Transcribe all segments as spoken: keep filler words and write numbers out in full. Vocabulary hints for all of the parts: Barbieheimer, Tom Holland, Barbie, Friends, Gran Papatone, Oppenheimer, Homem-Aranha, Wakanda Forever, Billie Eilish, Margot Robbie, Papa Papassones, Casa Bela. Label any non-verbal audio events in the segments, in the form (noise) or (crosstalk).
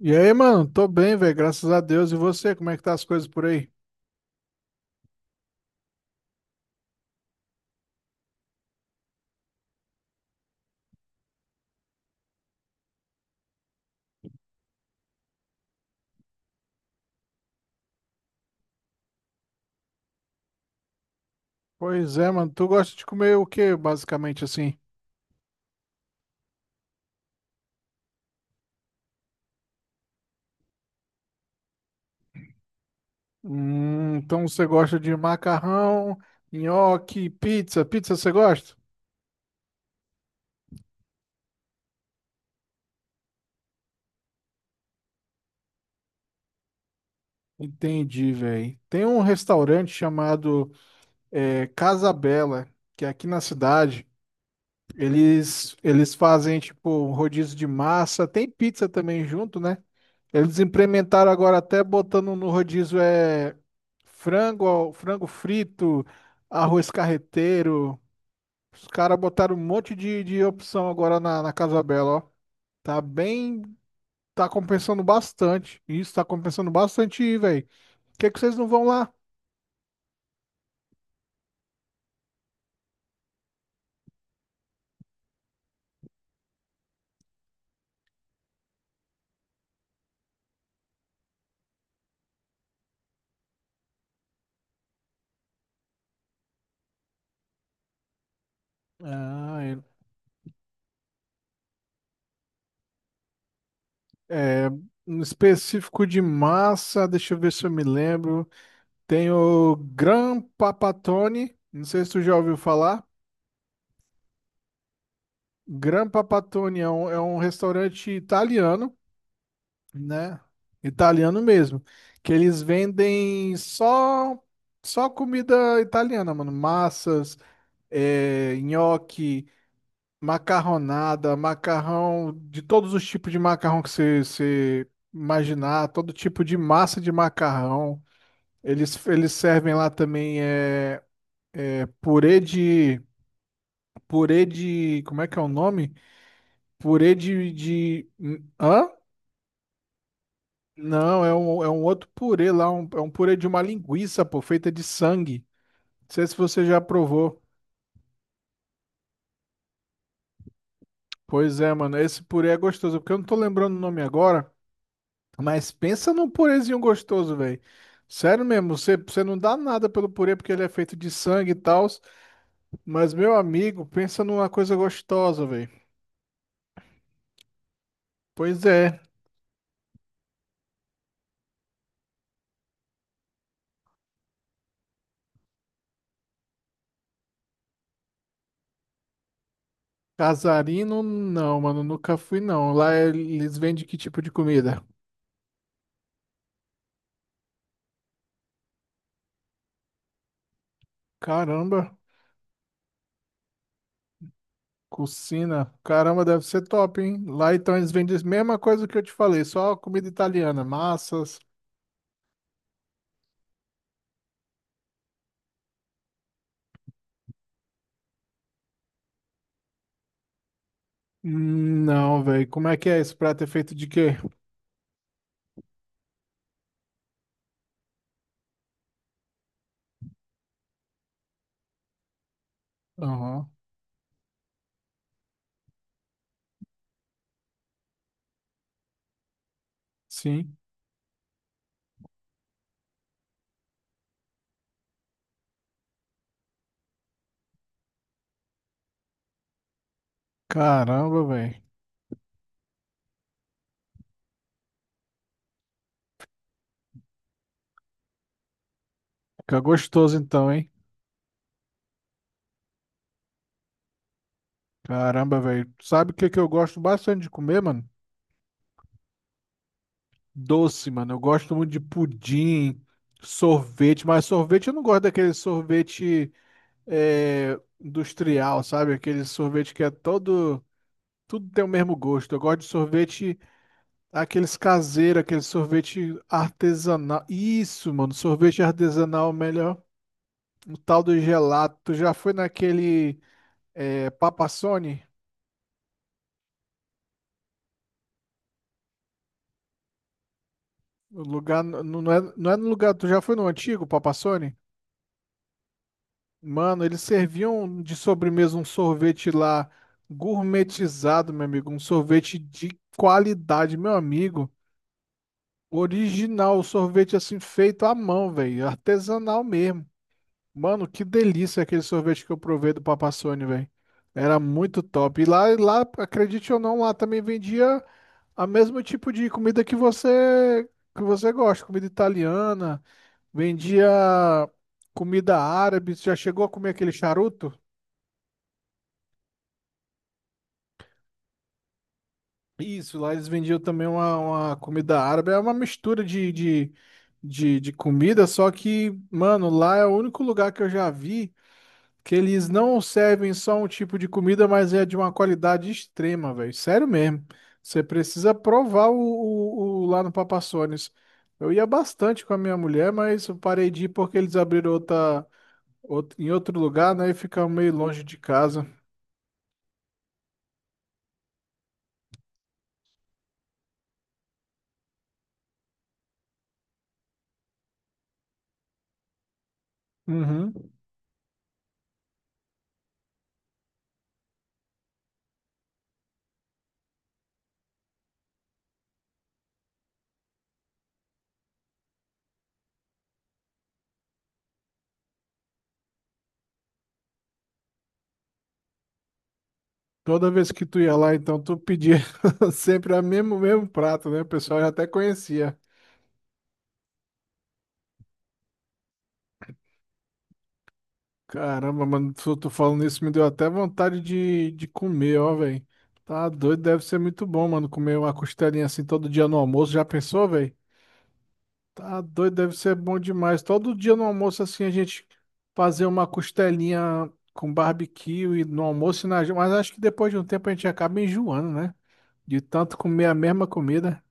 E aí, mano? Tô bem, velho, graças a Deus. E você, como é que tá as coisas por aí? Pois é, mano. Tu gosta de comer o quê, basicamente, assim? Hum, então você gosta de macarrão, nhoque, pizza. Pizza você gosta? Entendi, velho. Tem um restaurante chamado é, Casa Bela, que é aqui na cidade. Eles, eles fazem, tipo, rodízio de massa. Tem pizza também junto, né? Eles implementaram agora até botando no rodízio é frango, ao- frango frito, arroz carreteiro. Os caras botaram um monte de, de opção agora na, na Casa Bela, ó. Tá bem, tá compensando bastante. Isso tá compensando bastante ir, velho. Por que é que vocês não vão lá? Ah, é, é, um específico de massa, deixa eu ver se eu me lembro. Tem o Gran Papatone, não sei se tu já ouviu falar. Grampa Patoni é um, é um restaurante italiano, né? Italiano mesmo. Que eles vendem só só comida italiana, mano. Massas, é, nhoque, macarronada, macarrão, de todos os tipos de macarrão que você você imaginar, todo tipo de massa de macarrão. Eles, eles servem lá também é, purê de. Purê de. Como é que é o nome? Purê de, de. Hã? Não, é um, é um outro purê lá, um- é um purê de uma linguiça, pô, feita de sangue. Não sei se você já provou. Pois é, mano, esse purê é gostoso, porque eu não tô lembrando o nome agora, mas pensa num purêzinho gostoso, velho. Sério mesmo, você, você não dá nada pelo purê porque ele é feito de sangue e tal, mas meu amigo, pensa numa coisa gostosa, velho. Pois é, casarino não, mano, nunca fui não. Lá eles vendem que tipo de comida? Caramba. Cucina, caramba, deve ser top, hein? Lá então eles vendem a mesma coisa que eu te falei, só comida italiana, massas. Hum, Não, velho, como é que é esse prato? É feito de quê? Aham, sim. Caramba, velho. Fica gostoso então, hein? Caramba, velho. Sabe o que que eu gosto bastante de comer, mano? Doce, mano. Eu gosto muito de pudim, sorvete, mas sorvete eu não gosto daquele sorvete é, industrial, sabe? Aquele sorvete que é todo. Tudo tem o mesmo gosto. Eu gosto de sorvete. Aqueles caseiros, aquele sorvete artesanal. Isso, mano, sorvete artesanal é o melhor. O tal do gelato. Tu já foi naquele é, Papassone? O lugar, n- não é, não é no lugar, tu já foi no antigo Papassone? Mano, eles serviam de sobremesa um sorvete lá gourmetizado, meu amigo. Um sorvete de qualidade, meu amigo. Original, sorvete assim feito à mão, velho. Artesanal mesmo. Mano, que delícia aquele sorvete que eu provei do Papa Papasôni, velho. Era muito top. E lá, lá, acredite ou não, lá também vendia a mesmo tipo de comida que você que você gosta, comida italiana, vendia comida árabe. Você já chegou a comer aquele charuto? Isso, lá eles vendiam também uma, uma comida árabe. É uma mistura de, de, de, de comida, só que, mano, lá é o único lugar que eu já vi. Que eles não servem só um tipo de comida, mas é de uma qualidade extrema, velho. Sério mesmo. Você precisa provar o, o- o lá no Papa Papassones. Eu ia bastante com a minha mulher, mas eu parei de ir porque eles abriram outra, out- em outro lugar, né? E ficava meio longe de casa. Uhum. Toda vez que tu ia lá, então, tu pedia (laughs) sempre o mesmo, mesmo prato, né? O pessoal já até conhecia. Caramba, mano, tu, tu falando isso me deu até vontade de, de comer, ó, velho. Tá doido, deve ser muito bom, mano, comer uma costelinha assim todo dia no almoço. Já pensou, velho? Tá doido, deve ser bom demais. Todo dia no almoço, assim, a gente fazer uma costelinha com barbecue e no almoço e na... Mas acho que depois de um tempo a gente acaba enjoando, né? De tanto comer a mesma comida.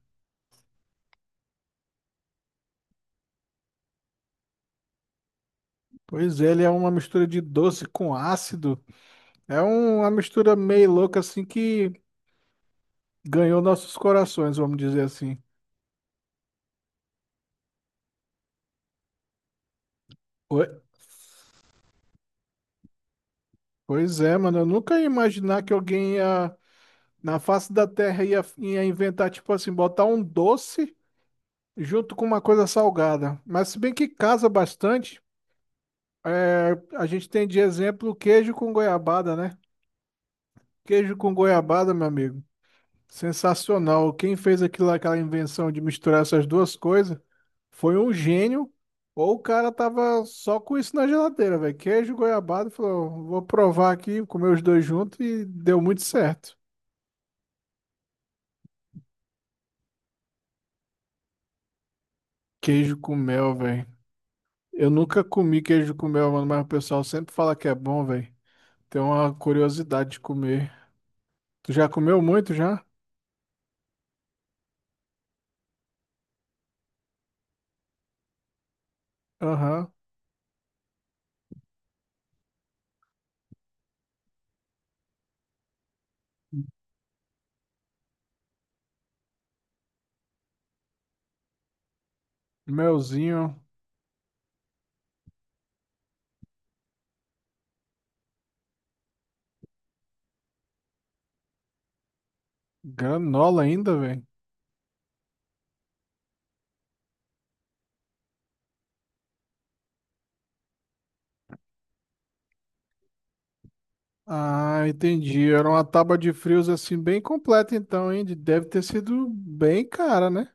Pois é, ele é uma mistura de doce com ácido. É um- uma mistura meio louca, assim, que ganhou nossos corações, vamos dizer assim. Poi- Pois é, mano, eu nunca ia imaginar que alguém ia, na face da Terra ia, ia inventar, tipo assim, botar um doce junto com uma coisa salgada. Mas se bem que casa bastante, é, a gente tem de exemplo o queijo com goiabada, né? Queijo com goiabada, meu amigo. Sensacional. Quem fez aquilo, aquela invenção de misturar essas duas coisas foi um gênio, ou o cara tava só com isso na geladeira, velho. Queijo, goiabada, falou, vou provar aqui, comer os dois juntos e deu muito certo. Queijo com mel, velho. Eu nunca comi queijo com mel, mano, mas o pessoal sempre fala que é bom, velho. Tem uma curiosidade de comer. Tu já comeu muito já? Aham. Melzinho, granola ainda, velho. Ah, entendi. Era uma tábua de frios assim bem completa então, hein? De- Deve ter sido bem cara, né?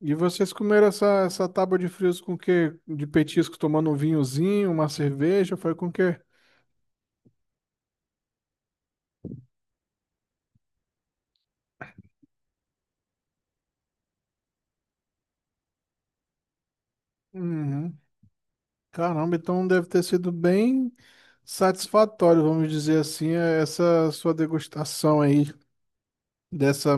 E vocês comeram essa, essa tábua de frios com o quê? De petisco, tomando um vinhozinho, uma cerveja, foi com o quê? Uhum. Caramba, então deve ter sido bem satisfatório, vamos dizer assim, eh, essa sua degustação aí dessa.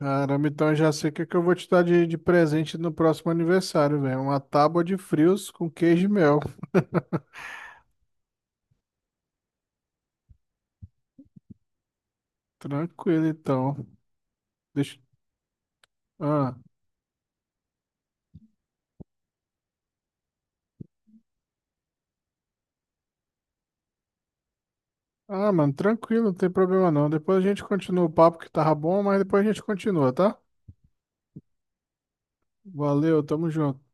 Caramba, então eu já sei o que é que eu vou te dar de, de presente no próximo aniversário, velho. Uma tábua de frios com queijo e mel. Tranquilo, então. Deixa... Ah. Ah, mano, tranquilo, não tem problema não. Depois a gente continua o papo que tava bom, mas depois a gente continua, tá? Valeu, tamo junto.